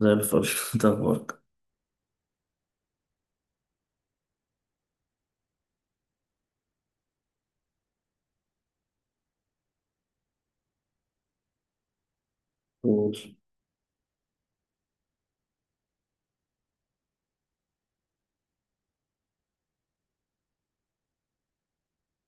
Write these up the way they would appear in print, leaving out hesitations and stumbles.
زي الفل انت اخبارك. قول.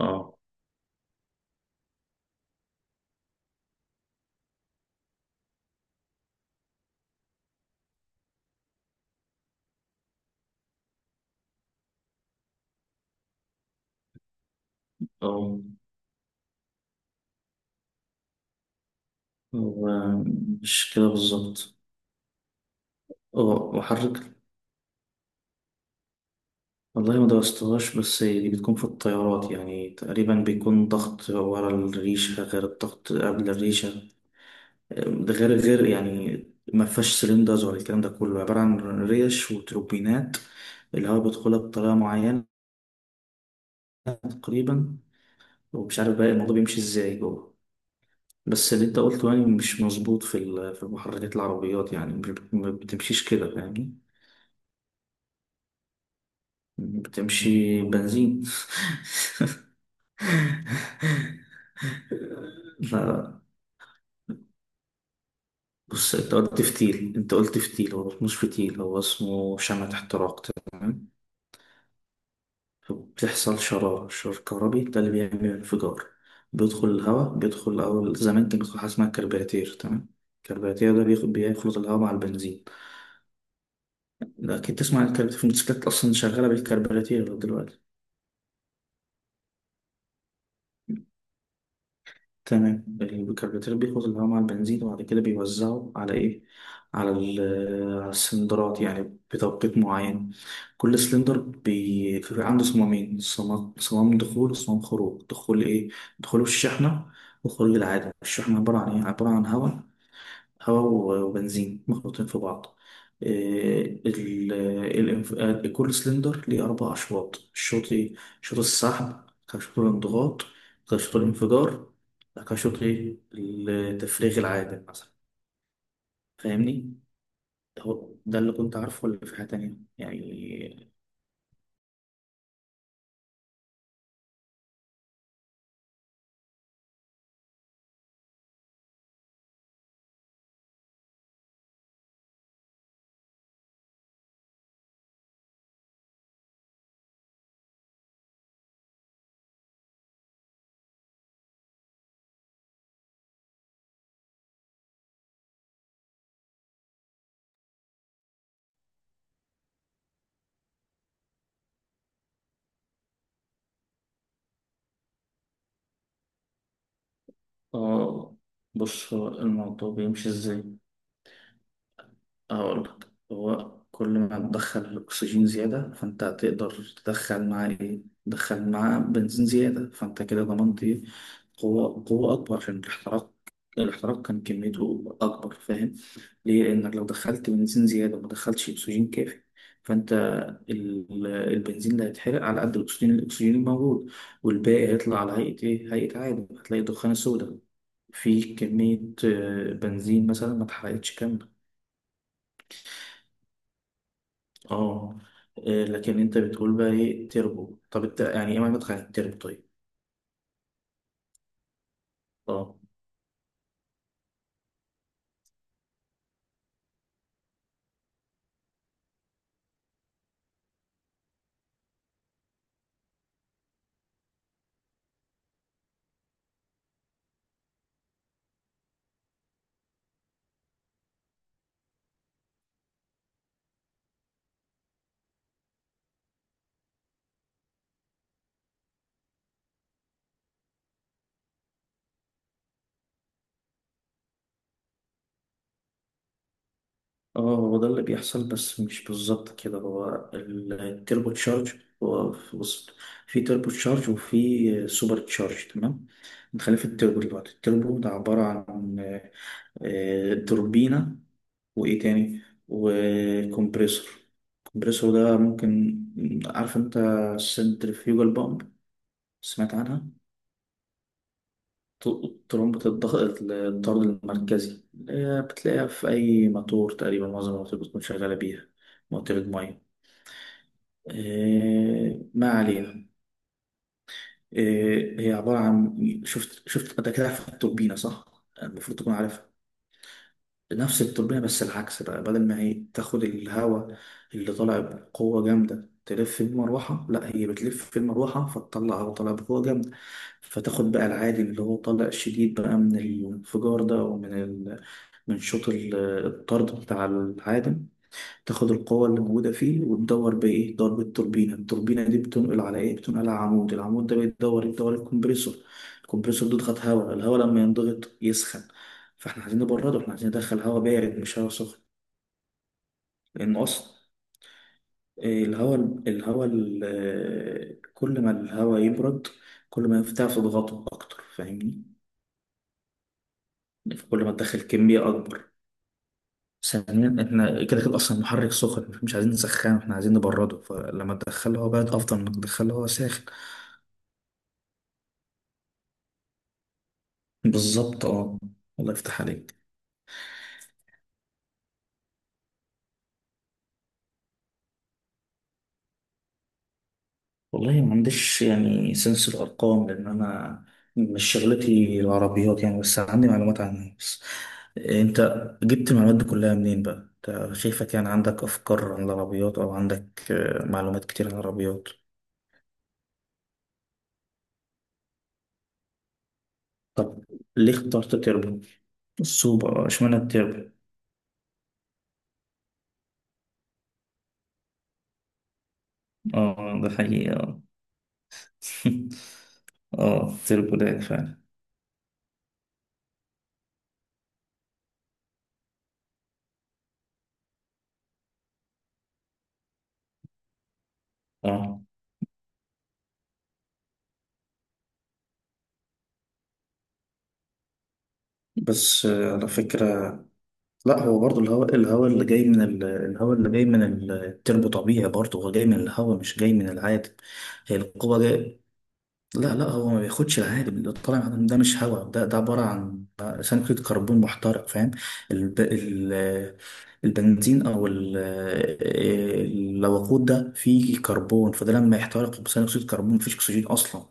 اه. اه هو مش كده بالظبط. اه محرك. والله ما درستهاش، بس هي بتكون في الطيارات يعني. تقريبا بيكون ضغط ورا الريشة غير الضغط قبل الريشة. ده غير يعني، ما فيهاش سلندرز ولا الكلام ده، كله عبارة عن ريش وتروبينات. الهواء بيدخلها بطريقة معينة تقريبا. ومش عارف بقى الموضوع بيمشي ازاي جوه. بس اللي انت قلته يعني مش مظبوط في في محركات العربيات، يعني مش بت- ما بتمشيش كده، فاهمني؟ بتمشي بنزين. لا بص، انت قلت فتيل، انت قلت فتيل، هو مش فتيل، هو اسمه شمعة احتراق، تمام؟ فبتحصل شرارة، شرار كهربي، ده اللي بيعمل انفجار. بيدخل الهواء، بيدخل. أول زمان كان بيدخل حاجة اسمها كربيراتير، تمام. الكربيراتير ده بيخلط الهواء مع البنزين. أكيد تسمع عن الكربيراتير، في الموتوسيكلات أصلا شغالة بالكربيراتير دلوقتي. تمام، الكربوراتير بياخد الهواء مع البنزين، وبعد كده بيوزعه على ايه؟ على على السلندرات، يعني بتوقيت معين. كل سلندر عنده صمامين، صمام صمام دخول وصمام خروج. دخول ايه؟ دخوله الشحنة. وخروج العادة. الشحنة عبارة عن ايه؟ عبارة عن هواء، هواء وبنزين مخلوطين في بعض. آه، ال- كل سلندر ليه أربع أشواط. الشوط إيه؟ شوط السحب، كان شوط الانضغاط، كان شوط الانفجار، كان شوط إيه؟ التفريغ العادل مثلا. فاهمني؟ هو ده اللي كنت عارفه، ولا في حاجة تانية يعني؟ آه بص، هو الموضوع بيمشي إزاي؟ هقول لك. هو كل ما تدخل أكسجين زيادة، فأنت هتقدر تدخل معاه إيه؟ تدخل معاه بنزين زيادة. فأنت كده ضمنت إيه؟ قوة، قوة أكبر عشان الاحتراق. الاحتراق كان كميته أكبر، فاهم؟ ليه؟ لأنك لو دخلت بنزين زيادة وما دخلتش أكسجين كافي، فأنت البنزين اللي هيتحرق على قد الأكسجين، الأكسجين الموجود، والباقي هيطلع على هيئة إيه؟ هيئة عادم. هتلاقي الدخان السوداء، في كمية بنزين مثلا ما اتحرقتش كاملة. اه. إيه، لكن انت بتقول بقى ايه تربو. طب انت يعني ايه معنى تخيل تربو؟ طيب. اه. اه هو ده اللي بيحصل بس مش بالظبط كده. هو التربو تشارج، هو بص، في تربو تشارج وفي سوبر تشارج، تمام؟ نخلي في التربو دلوقتي. التربو ده عبارة عن توربينة، وايه تاني؟ وكمبريسور. الكمبريسور ده ممكن، عارف انت السنترفيوجال بامب؟ سمعت عنها؟ طرمبة الضغط الطرد المركزي، اللي هي بتلاقيها في أي موتور تقريبا. معظم المواتير بتكون شغالة بيها، موتير المية. إيه، ما علينا. إيه، هي عبارة عن. شفت شفت أنت كده، عارف التوربينة صح؟ المفروض تكون عارفها. نفس التوربينة بس العكس بقى. بدل ما هي تاخد الهواء اللي طالع بقوة جامدة تلف بيه المروحة، لا، هي بتلف في المروحة فتطلع هواء طالع بقوة جامدة. فتاخد بقى العادي اللي هو طالع شديد بقى من الانفجار ده، ومن ال من شوط الطرد بتاع العادم. تاخد القوة اللي موجودة فيه وتدور بإيه؟ تدور بالتوربينة. التوربينة دي بتنقل على إيه؟ بتنقل على عمود. العمود ده بيدور يدور الكمبريسور. الكمبريسور ده يضغط هواء. الهواء لما ينضغط يسخن، فإحنا عايزين نبرده. إحنا عايزين ندخل هواء بارد مش هواء سخن، لأن أصلا إيه، الهواء كل ما الهواء يبرد، كل ما ينفتح تضغطه أكتر، فاهمني؟ يعني كل ما تدخل كمية أكبر. ثانيا، احنا كده كده اصلا المحرك سخن، مش عايزين نسخنه، احنا عايزين نبرده. فلما تدخله هو بارد، افضل ما تدخله هو ساخن. بالظبط اه. الله يفتح عليك. والله ما عنديش يعني سنس الارقام، لان انا مش شغلتي العربيات يعني، بس عندي معلومات عنها بس. انت جبت المعلومات دي كلها منين بقى؟ انت شايفك يعني عندك افكار عن العربيات، او عندك معلومات كتير عن العربيات. ليه اخترت تربو؟ السوبر اشمعنى التربو؟ اه ده حقيقي آه. اه طير البراق فعلا. اه بس على فكرة، لا هو برضو الهواء، الهواء اللي جاي من الهواء اللي جاي من التربو طبيعي برضو، هو جاي من الهواء مش جاي من العادم. هي القوة جاي. لا لا، هو ما بياخدش العادم. اللي طالع من العادم ده مش هواء، ده ده عبارة عن ثاني كربون محترق، فاهم؟ الب... ال... البنزين او الوقود ده فيه كربون، فده لما يحترق بثاني اكسيد كربون، مفيش اكسجين اصلا.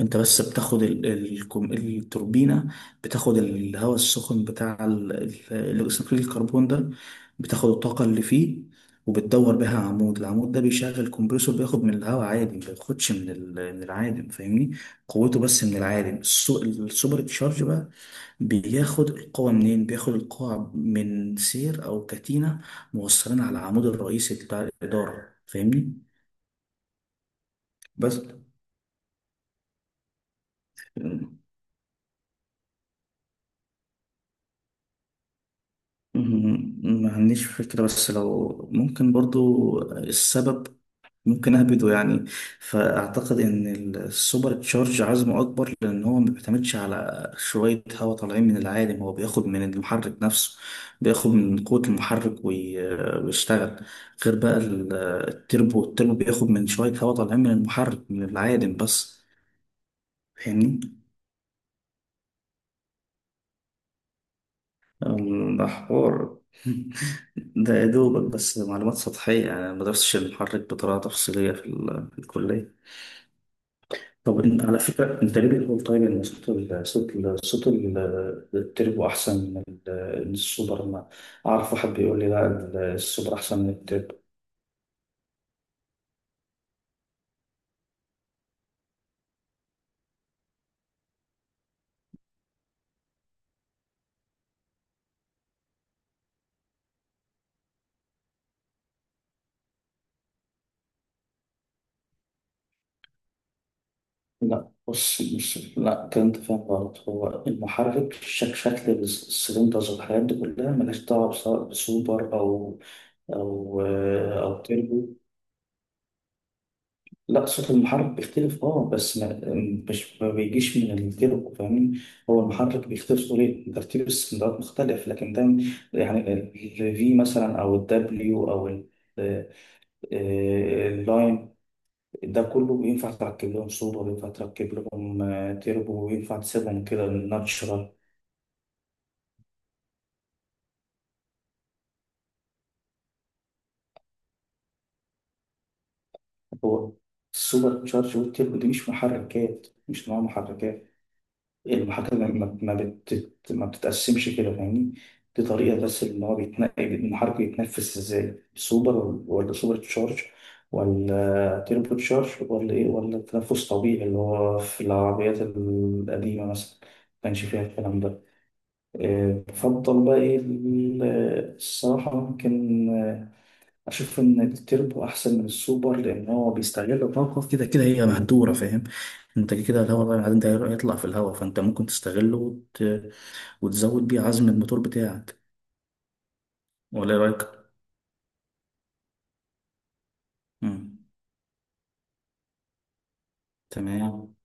انت بس بتاخد التوربينة، بتاخد الهواء السخن بتاع ثاني اكسيد الكربون ده، بتاخد الطاقة اللي فيه وبتدور بيها عمود. العمود ده بيشغل كومبريسور، بياخد من الهواء عادي، ما بياخدش من من العادم، فاهمني؟ قوته بس من العادم. السوبر تشارج بقى بياخد القوة منين؟ بياخد القوة من سير او كتينة موصلين على العمود الرئيسي بتاع الإدارة، فاهمني؟ بس. مم، ما عنديش فكرة، بس لو ممكن برضو السبب، ممكن أهبده يعني. فأعتقد إن السوبر تشارج عزمه أكبر لأن هو ما بيعتمدش على شوية هواء طالعين من العالم، هو بياخد من المحرك نفسه، بياخد من قوة المحرك ويشتغل. غير بقى التربو، التربو بياخد من شوية هواء طالعين من المحرك من العالم بس، فاهمني؟ ده حوار. ده يا دوبك بس معلومات سطحية يعني، أنا ما درستش المحرك بطريقة تفصيلية في الكلية. طب على فكرة، أنت ليه بتقول طيب إن صوت ال التربو أحسن من من السوبر؟ ما أعرف واحد بيقول لي لا السوبر أحسن من التربو. لا بص، لا كده أنت فاهم غلط. هو المحرك شكل السلندرز والحاجات دي كلها ملهاش دعوة بسوبر أو أو أو تربو. لا صوت المحرك بيختلف اه، بس ما بيجيش من التربو، فاهمني؟ هو المحرك بيختلف، طريقة ترتيب السلندرات مختلف، لكن ده يعني الفي مثلا او الدبليو او آه، اللاين، ده كله ينفع تركب لهم سوبر، ينفع تركب لهم تربو، وينفع تسيبهم كده ناتشرال. هو السوبر تشارج والتربو دي مش محركات، مش نوع محركات. المحاكاة ما بتتقسمش كده فاهمني. دي طريقة بس اللي هو بيتنقل المحرك، بيتنفس ازاي، سوبر ولا سوبر تشارج ولا تيربو تشارج ولا ايه، ولا تنفس طبيعي اللي هو في العربيات القديمة مثلا ما كانش فيها الكلام ده. بفضل بقى ايه الصراحة، ممكن أشوف إن التربو أحسن من السوبر، لأن هو بيستغل طاقة كده كده هي مهدورة، فاهم؟ أنت كده كده الهواء طالع، بعدين ده هيطلع في الهواء، فأنت ممكن تستغله وتزود بيه عزم الموتور بتاعك، ولا إيه رأيك؟ مم. تمام.